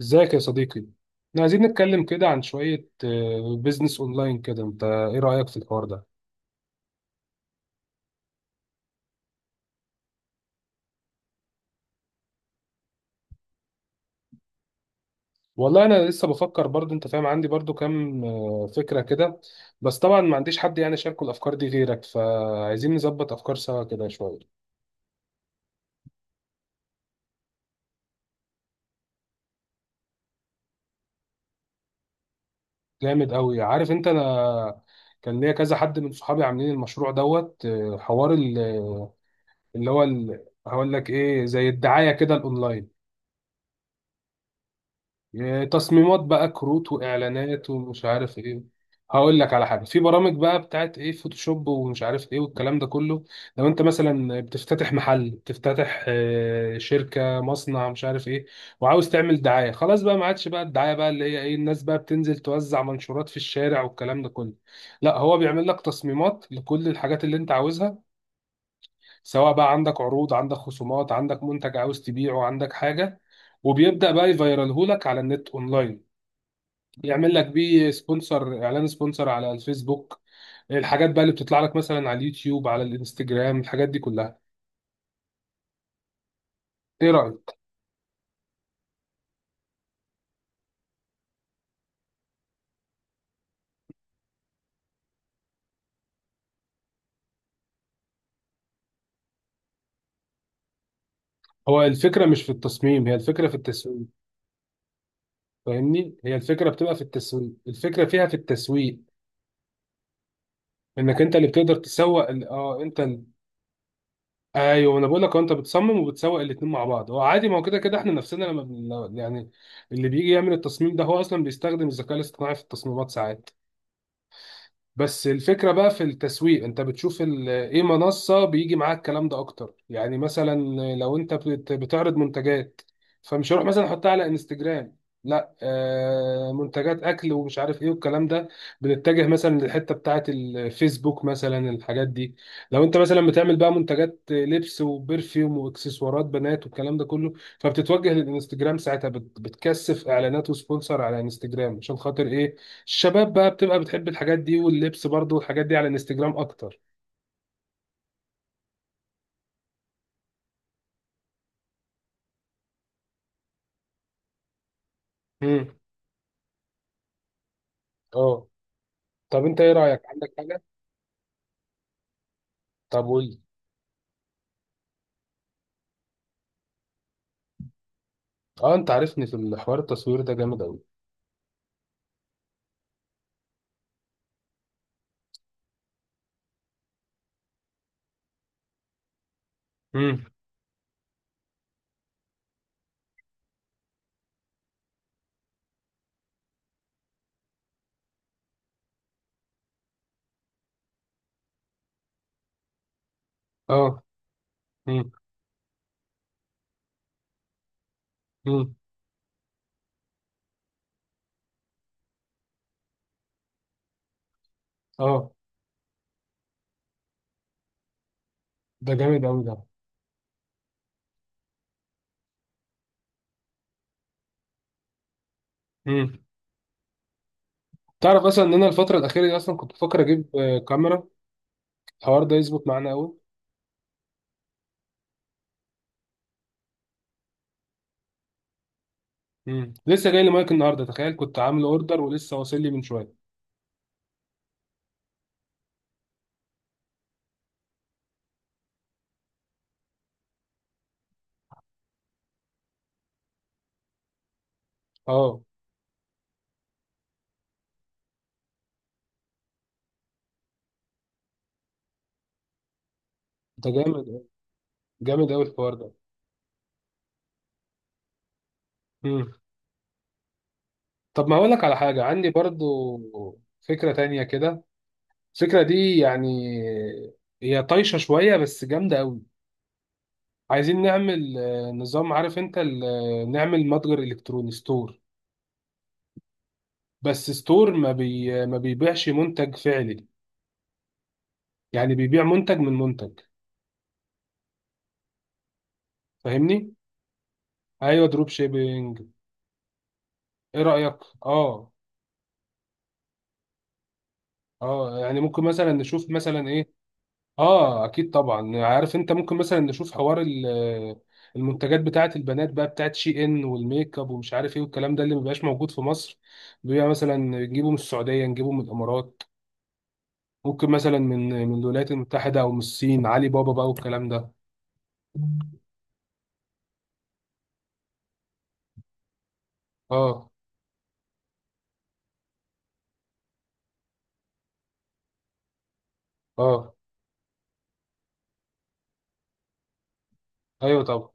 ازيك يا صديقي؟ احنا عايزين نتكلم كده عن شوية بيزنس اونلاين كده، انت ايه رأيك في الحوار ده؟ والله انا لسه بفكر، برضو انت فاهم، عندي برضو كام فكرة كده. بس طبعا ما عنديش حد يعني شاركه الافكار دي غيرك، فعايزين نظبط افكار سوا كده شوية. جامد قوي. عارف انت، انا كان ليا كذا حد من صحابي عاملين المشروع دوت آه، حوار اللي هو هقول لك ايه، زي الدعاية كده الاونلاين، يا تصميمات بقى، كروت واعلانات ومش عارف ايه. هقول لك على حاجه، في برامج بقى بتاعت ايه، فوتوشوب ومش عارف ايه والكلام ده كله. لو انت مثلا بتفتتح محل، بتفتتح شركه، مصنع، مش عارف ايه، وعاوز تعمل دعايه، خلاص بقى ما عادش بقى الدعايه بقى اللي هي ايه الناس بقى بتنزل توزع منشورات في الشارع والكلام ده كله. لا، هو بيعمل لك تصميمات لكل الحاجات اللي انت عاوزها، سواء بقى عندك عروض، عندك خصومات، عندك منتج عاوز تبيعه، عندك حاجه. وبيبدأ بقى يفيرالهولك على النت اونلاين، يعمل لك بيه سبونسر، اعلان سبونسر على الفيسبوك، الحاجات بقى اللي بتطلع لك مثلا على اليوتيوب، على الانستجرام، الحاجات دي كلها. ايه رأيك؟ هو الفكرة مش في التصميم، هي الفكرة في التسويق. فاهمني؟ هي الفكرة بتبقى في التسويق، الفكرة فيها في التسويق. انك انت اللي بتقدر تسوق انت. ايوه، انا بقول لك، هو انت بتصمم وبتسوق الاتنين مع بعض. هو عادي، ما هو كده كده احنا نفسنا لما يعني. اللي بيجي يعمل التصميم ده هو اصلا بيستخدم الذكاء الاصطناعي في التصميمات ساعات. بس الفكرة بقى في التسويق. انت بتشوف ال- ايه منصة بيجي معاك الكلام ده اكتر، يعني مثلا، لو انت بتعرض منتجات، فمش هروح مثلا احطها على انستجرام. لا، منتجات اكل ومش عارف ايه والكلام ده، بنتجه مثلا للحتة بتاعة الفيسبوك، مثلا الحاجات دي. لو انت مثلا بتعمل بقى منتجات لبس وبرفيوم واكسسوارات بنات والكلام ده كله، فبتتوجه للانستجرام ساعتها، بتكثف اعلانات وسبونسر على انستجرام، عشان خاطر ايه؟ الشباب بقى بتبقى بتحب الحاجات دي واللبس برضو، والحاجات دي على الانستجرام اكتر. امم. اه. طب انت ايه رايك، عندك حاجه؟ طب قول لي. اه، انت عارفني في الحوار، التصوير ده جامد قوي. امم. اه. امم. امم. اه. ده جامد قوي ده. امم. تعرف اصلا ان انا الفتره الاخيره دي اصلا كنت بفكر اجيب كاميرا. الحوار ده يظبط معانا قوي. لسه جاي لي مايك النهارده، تخيل، كنت عامل اوردر ولسه واصل لي من شويه. اه. ده جامد، جامد قوي الحوار ده. امم. طب ما اقول لك على حاجه عندي برضو، فكره تانية كده. الفكرة دي يعني، هي طايشة شوية بس جامدة قوي. عايزين نعمل نظام، عارف انت نعمل متجر الكتروني ستور. بس ستور ما بي آه، ما بيبيعش منتج فعلي، يعني بيبيع منتج من منتج. فاهمني؟ ايوه، دروب شيبينج. ايه رأيك؟ اه. اه، يعني ممكن مثلا نشوف مثلا ايه؟ اه، اكيد طبعا، عارف انت، ممكن مثلا نشوف حوار المنتجات بتاعت البنات بقى، بتاعت شي ان والميك اب ومش عارف ايه والكلام ده، اللي مبقاش موجود في مصر. بيبقى مثلا نجيبه من السعوديه، نجيبه من الامارات. ممكن مثلا من الولايات المتحده، او من الصين، علي بابا بقى والكلام ده. اه. اه. ايوه طبعا.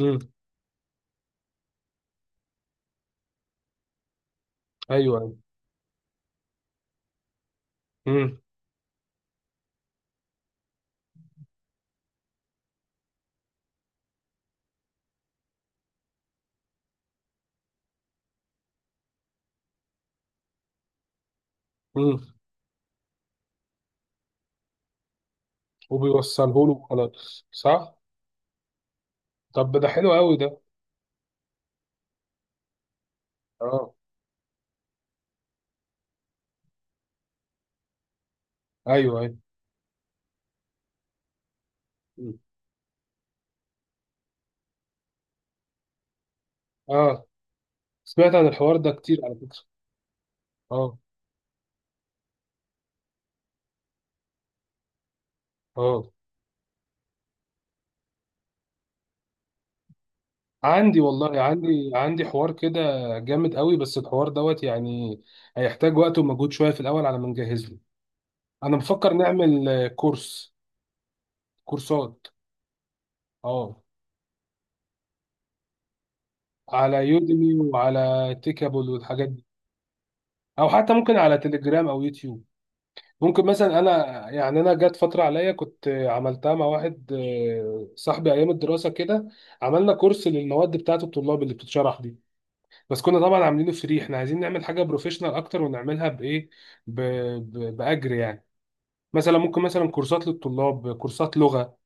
امم. ايوه، ايوه. امم. امم. وبيوصله له، خلاص، صح؟ طب ده حلو قوي ده. اه. ايوه، ايوه. مم. اه. سمعت عن الحوار ده كتير على فكره. اه. اه. عندي والله، عندي حوار كده، جامد قوي. بس الحوار يعني، هيحتاج وقت ومجهود شوية في الأول على ما نجهز له. أنا بفكر نعمل كورس. كورسات. اه. على يوديمي، وعلى تيكابل والحاجات دي. أو حتى ممكن على تليجرام أو يوتيوب. ممكن مثلا أنا، يعني أنا جت فترة عليا كنت عملتها مع واحد صاحبي أيام الدراسة كده. عملنا كورس للمواد بتاعة الطلاب اللي بتتشرح دي. بس كنا طبعا عاملينه فري. احنا عايزين نعمل حاجه بروفيشنال اكتر ونعملها بايه؟ ب... باجر يعني. مثلا ممكن مثلا كورسات للطلاب، كورسات لغه.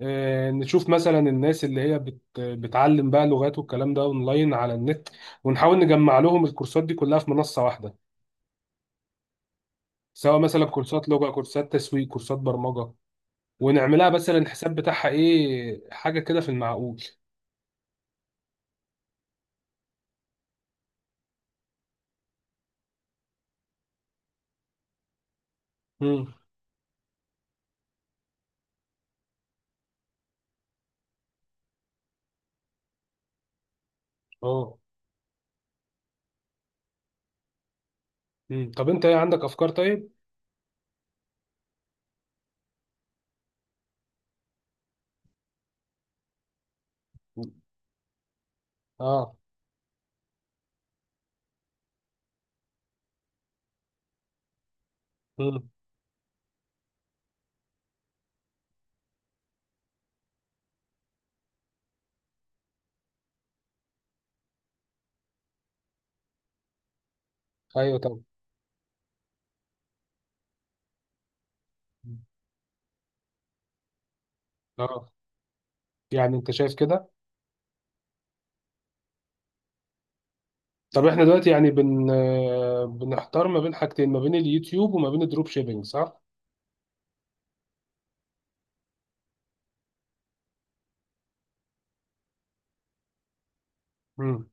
اه، نشوف مثلا الناس اللي هي بتعلم بقى لغات والكلام ده اونلاين على النت. ونحاول نجمع لهم الكورسات دي كلها في منصه واحده، سواء مثلا كورسات لغه، كورسات تسويق، كورسات برمجه. ونعملها مثلا الحساب بتاعها ايه، حاجه كده في المعقول. امم. اه. مم. طب انت ايه عندك افكار طيب؟ اه. امم. ايوه طبعا. اه. يعني انت شايف كده؟ طب احنا دلوقتي يعني بن آه، بنحتار ما بين حاجتين، ما بين اليوتيوب وما بين الدروب شيبينج، صح؟ امم.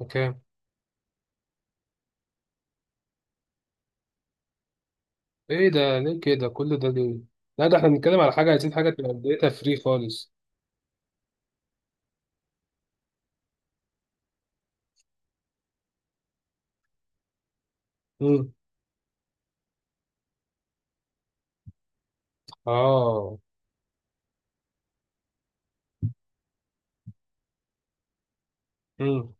اوكي. ايه ده، ليه كده، كل ده ليه؟ لا، ده احنا بنتكلم على حاجه، عايزين حاجه تبقى بدايتها فري خالص. امم. اه. امم.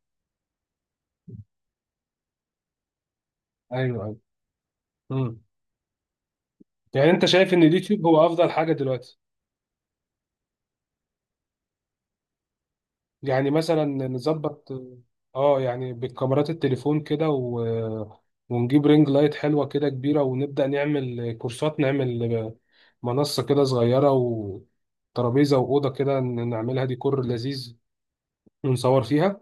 ايوه، ايوه. امم. يعني انت شايف ان اليوتيوب هو افضل حاجه دلوقتي؟ يعني مثلا نظبط، اه، يعني بالكاميرات التليفون كده ونجيب رينج لايت حلوة كده كبيرة، ونبدأ نعمل كورسات، نعمل منصة كده صغيرة، وترابيزة وأوضة كده نعملها ديكور لذيذ، ونصور فيها.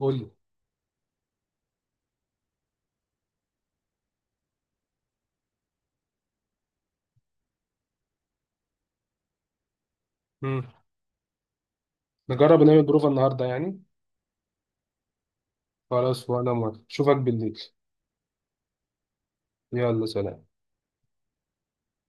قول لي. مم. نجرب نعمل بروفة النهاردة يعني؟ خلاص، وأنا موافق، أشوفك بالليل. يلا، سلام.